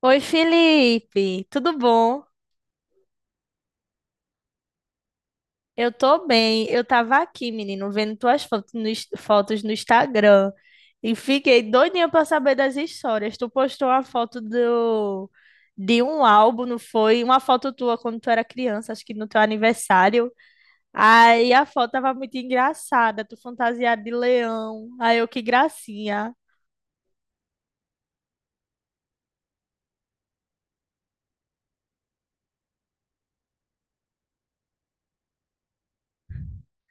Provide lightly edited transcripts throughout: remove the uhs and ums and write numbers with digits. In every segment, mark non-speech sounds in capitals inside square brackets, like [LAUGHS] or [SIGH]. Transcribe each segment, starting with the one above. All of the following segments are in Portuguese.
Oi, Felipe, tudo bom? Eu tô bem. Eu tava aqui, menino, vendo tuas fotos no Instagram e fiquei doidinha pra saber das histórias. Tu postou uma foto de um álbum, não foi? Uma foto tua quando tu era criança, acho que no teu aniversário. Aí a foto tava muito engraçada, tu fantasiada de leão. Que gracinha.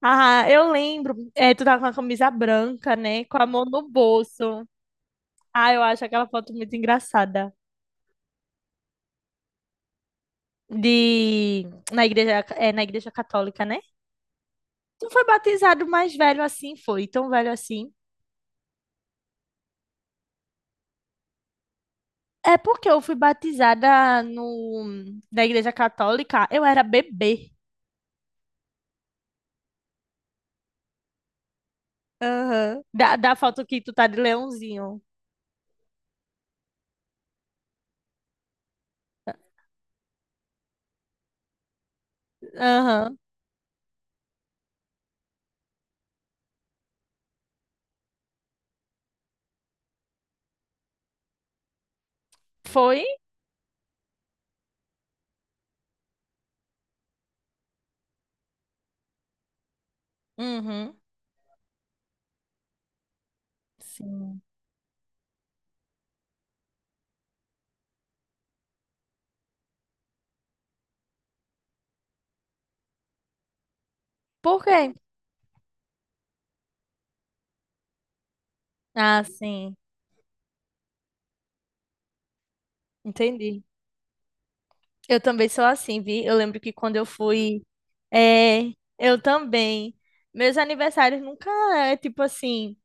Ah, eu lembro. É, tu tava com a camisa branca, né? Com a mão no bolso. Ah, eu acho aquela foto muito engraçada. De na igreja é na igreja católica, né? Tu foi batizado mais velho assim, foi tão velho assim? É porque eu fui batizada no na igreja católica, eu era bebê. Aham. Da foto que tu tá de leãozinho. Aham. Foi? Uhum. Sim. Por quê? Ah, sim. Entendi. Eu também sou assim, vi? Eu lembro que quando eu fui. É, eu também. Meus aniversários nunca é tipo assim.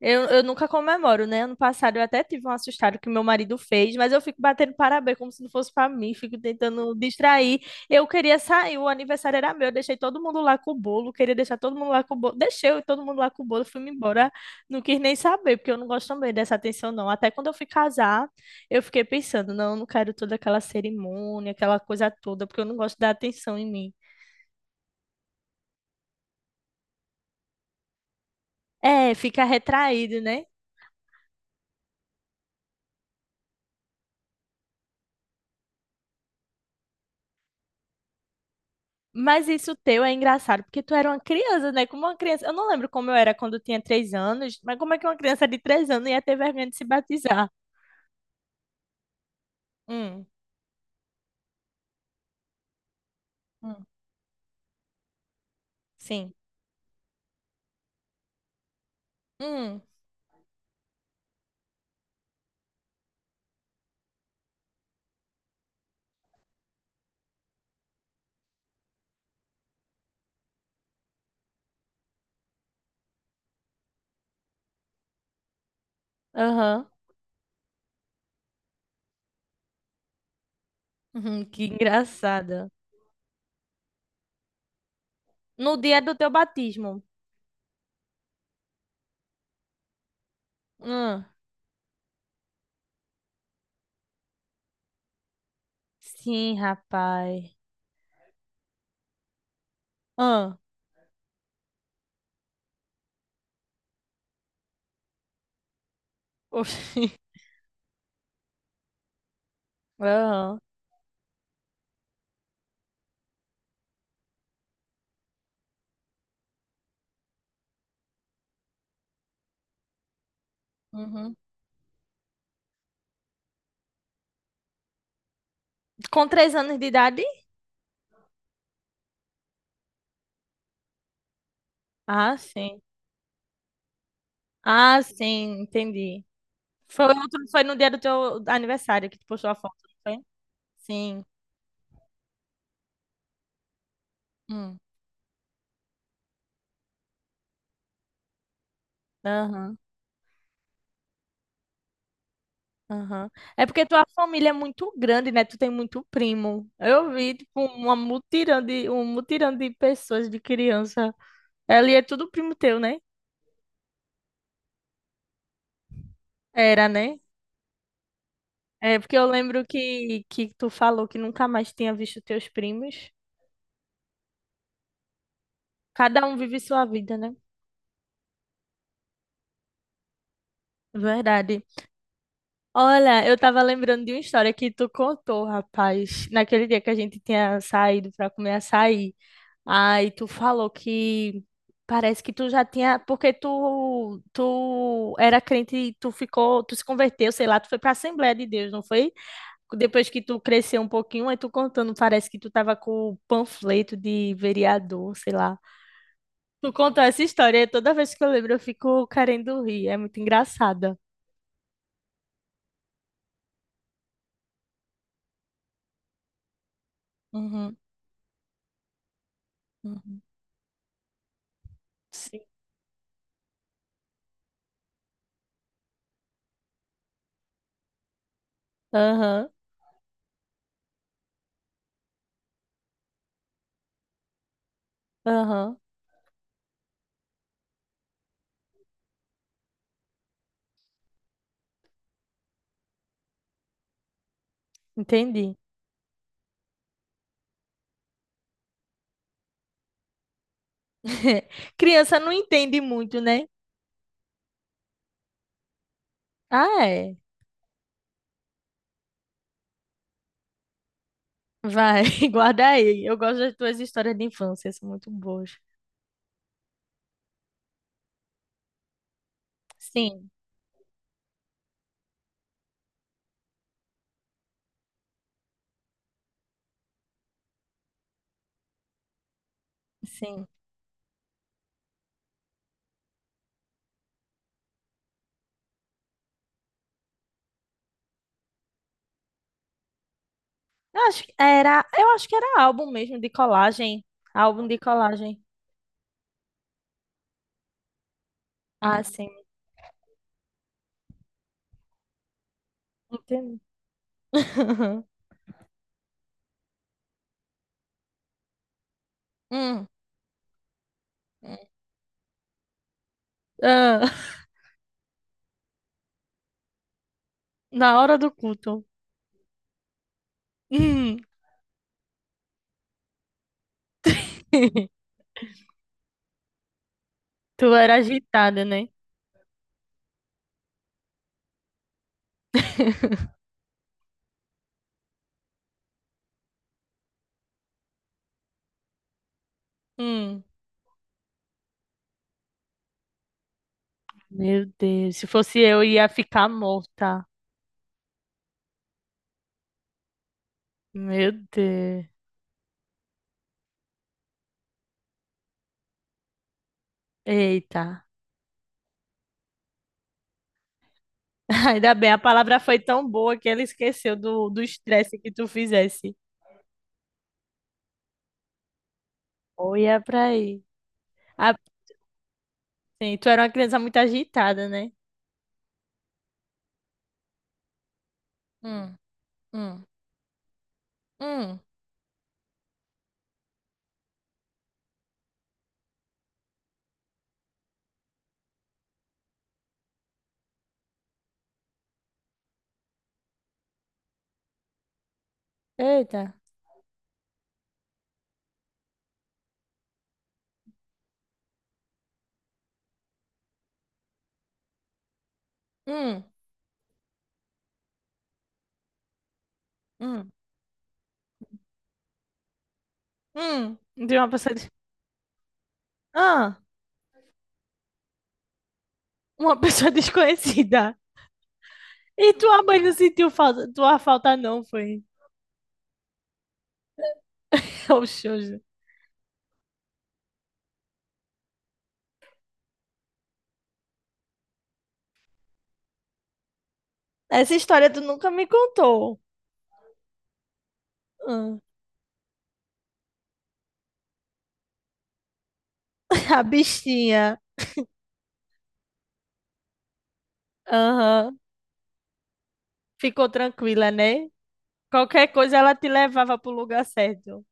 Eu nunca comemoro, né? Ano passado eu até tive um assustado que meu marido fez, mas eu fico batendo parabéns como se não fosse pra mim, fico tentando distrair. Eu queria sair, o aniversário era meu, eu deixei todo mundo lá com o bolo, queria deixar todo mundo lá com o bolo, deixei eu e todo mundo lá com o bolo, fui-me embora, não quis nem saber, porque eu não gosto também dessa atenção, não. Até quando eu fui casar, eu fiquei pensando, não, eu não quero toda aquela cerimônia, aquela coisa toda, porque eu não gosto da atenção em mim. É, fica retraído, né? Mas isso teu é engraçado, porque tu era uma criança, né? Como uma criança. Eu não lembro como eu era quando eu tinha 3 anos, mas como é que uma criança de três anos ia ter vergonha de se batizar? Hum. Hum. Sim. Hum. Aham. Uhum, que engraçada. No dia do teu batismo. Hum. Sim, rapaz. Hum. Oxi. Aham. Uhum. Com 3 anos de idade? Ah, sim. Ah, sim, entendi. Foi, foi no dia do teu aniversário que tu postou a foto, não foi? Sim. Aham, aham. É porque tua família é muito grande, né? Tu tem muito primo. Eu vi, tipo, um mutirão de pessoas, de criança. Ali é tudo primo teu, né? Era, né? É porque eu lembro que tu falou que nunca mais tinha visto teus primos. Cada um vive sua vida, né? Verdade. Olha, eu tava lembrando de uma história que tu contou, rapaz, naquele dia que a gente tinha saído pra comer açaí. Aí tu falou que parece que tu já tinha, porque tu era crente, e tu ficou, tu se converteu, sei lá, tu foi para a Assembleia de Deus, não foi? Depois que tu cresceu um pouquinho, aí tu contando, parece que tu tava com o panfleto de vereador, sei lá. Tu conta essa história, e toda vez que eu lembro eu fico querendo rir, é muito engraçada. Uhum, uhum. Sim. Aham, aham, entendi. [LAUGHS] Criança não entende muito, né? Ah, é. Vai, [LAUGHS] guarda aí. Eu gosto das tuas histórias de infância, são muito boas. Sim, sim. Eu acho que era álbum mesmo de colagem. Álbum de colagem. Ah, sim. Entendi. [LAUGHS] Hum, hum. Ah, na hora do culto. Hum. [LAUGHS] Tu era agitada, né? Hum. Meu Deus, se fosse eu, ia ficar morta. Meu Deus. Eita. [LAUGHS] Ainda bem, a palavra foi tão boa que ela esqueceu do estresse que tu fizesse. Ou ia pra aí. Ah, sim, tu era uma criança muito agitada, né? Hum, hum, hum. Eita. Hum, hum, hum. De uma pessoa. Ah, uma pessoa [LAUGHS] desconhecida. E tua mãe não sentiu falta? Tua falta não foi. [LAUGHS] Oxe, oxe. Essa história tu nunca me contou. Ah, [LAUGHS] a bichinha. Aham. Ficou tranquila, né? Qualquer coisa ela te levava pro lugar certo.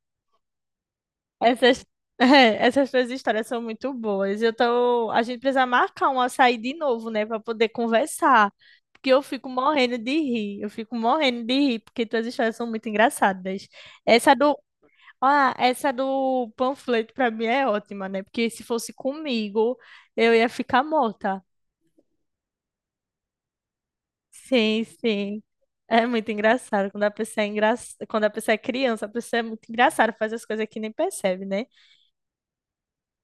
Essas, [LAUGHS] é, essas tuas histórias são muito boas. Eu tô, a gente precisa marcar um açaí de novo, né, para poder conversar, porque eu fico morrendo de rir. Eu fico morrendo de rir porque tuas histórias são muito engraçadas. Essa do, essa do panfleto para mim é ótima, né? Porque se fosse comigo, eu ia ficar morta. Sim, sim. É muito engraçado. Quando a pessoa é criança, a pessoa é muito engraçada, faz as coisas que nem percebe, né?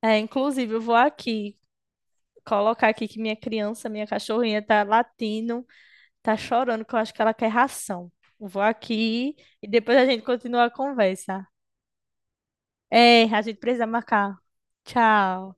É, inclusive, eu vou aqui colocar aqui que minha criança, minha cachorrinha tá latindo, tá chorando, que eu acho que ela quer ração. Eu vou aqui e depois a gente continua a conversa. É, a gente precisa marcar. Tchau.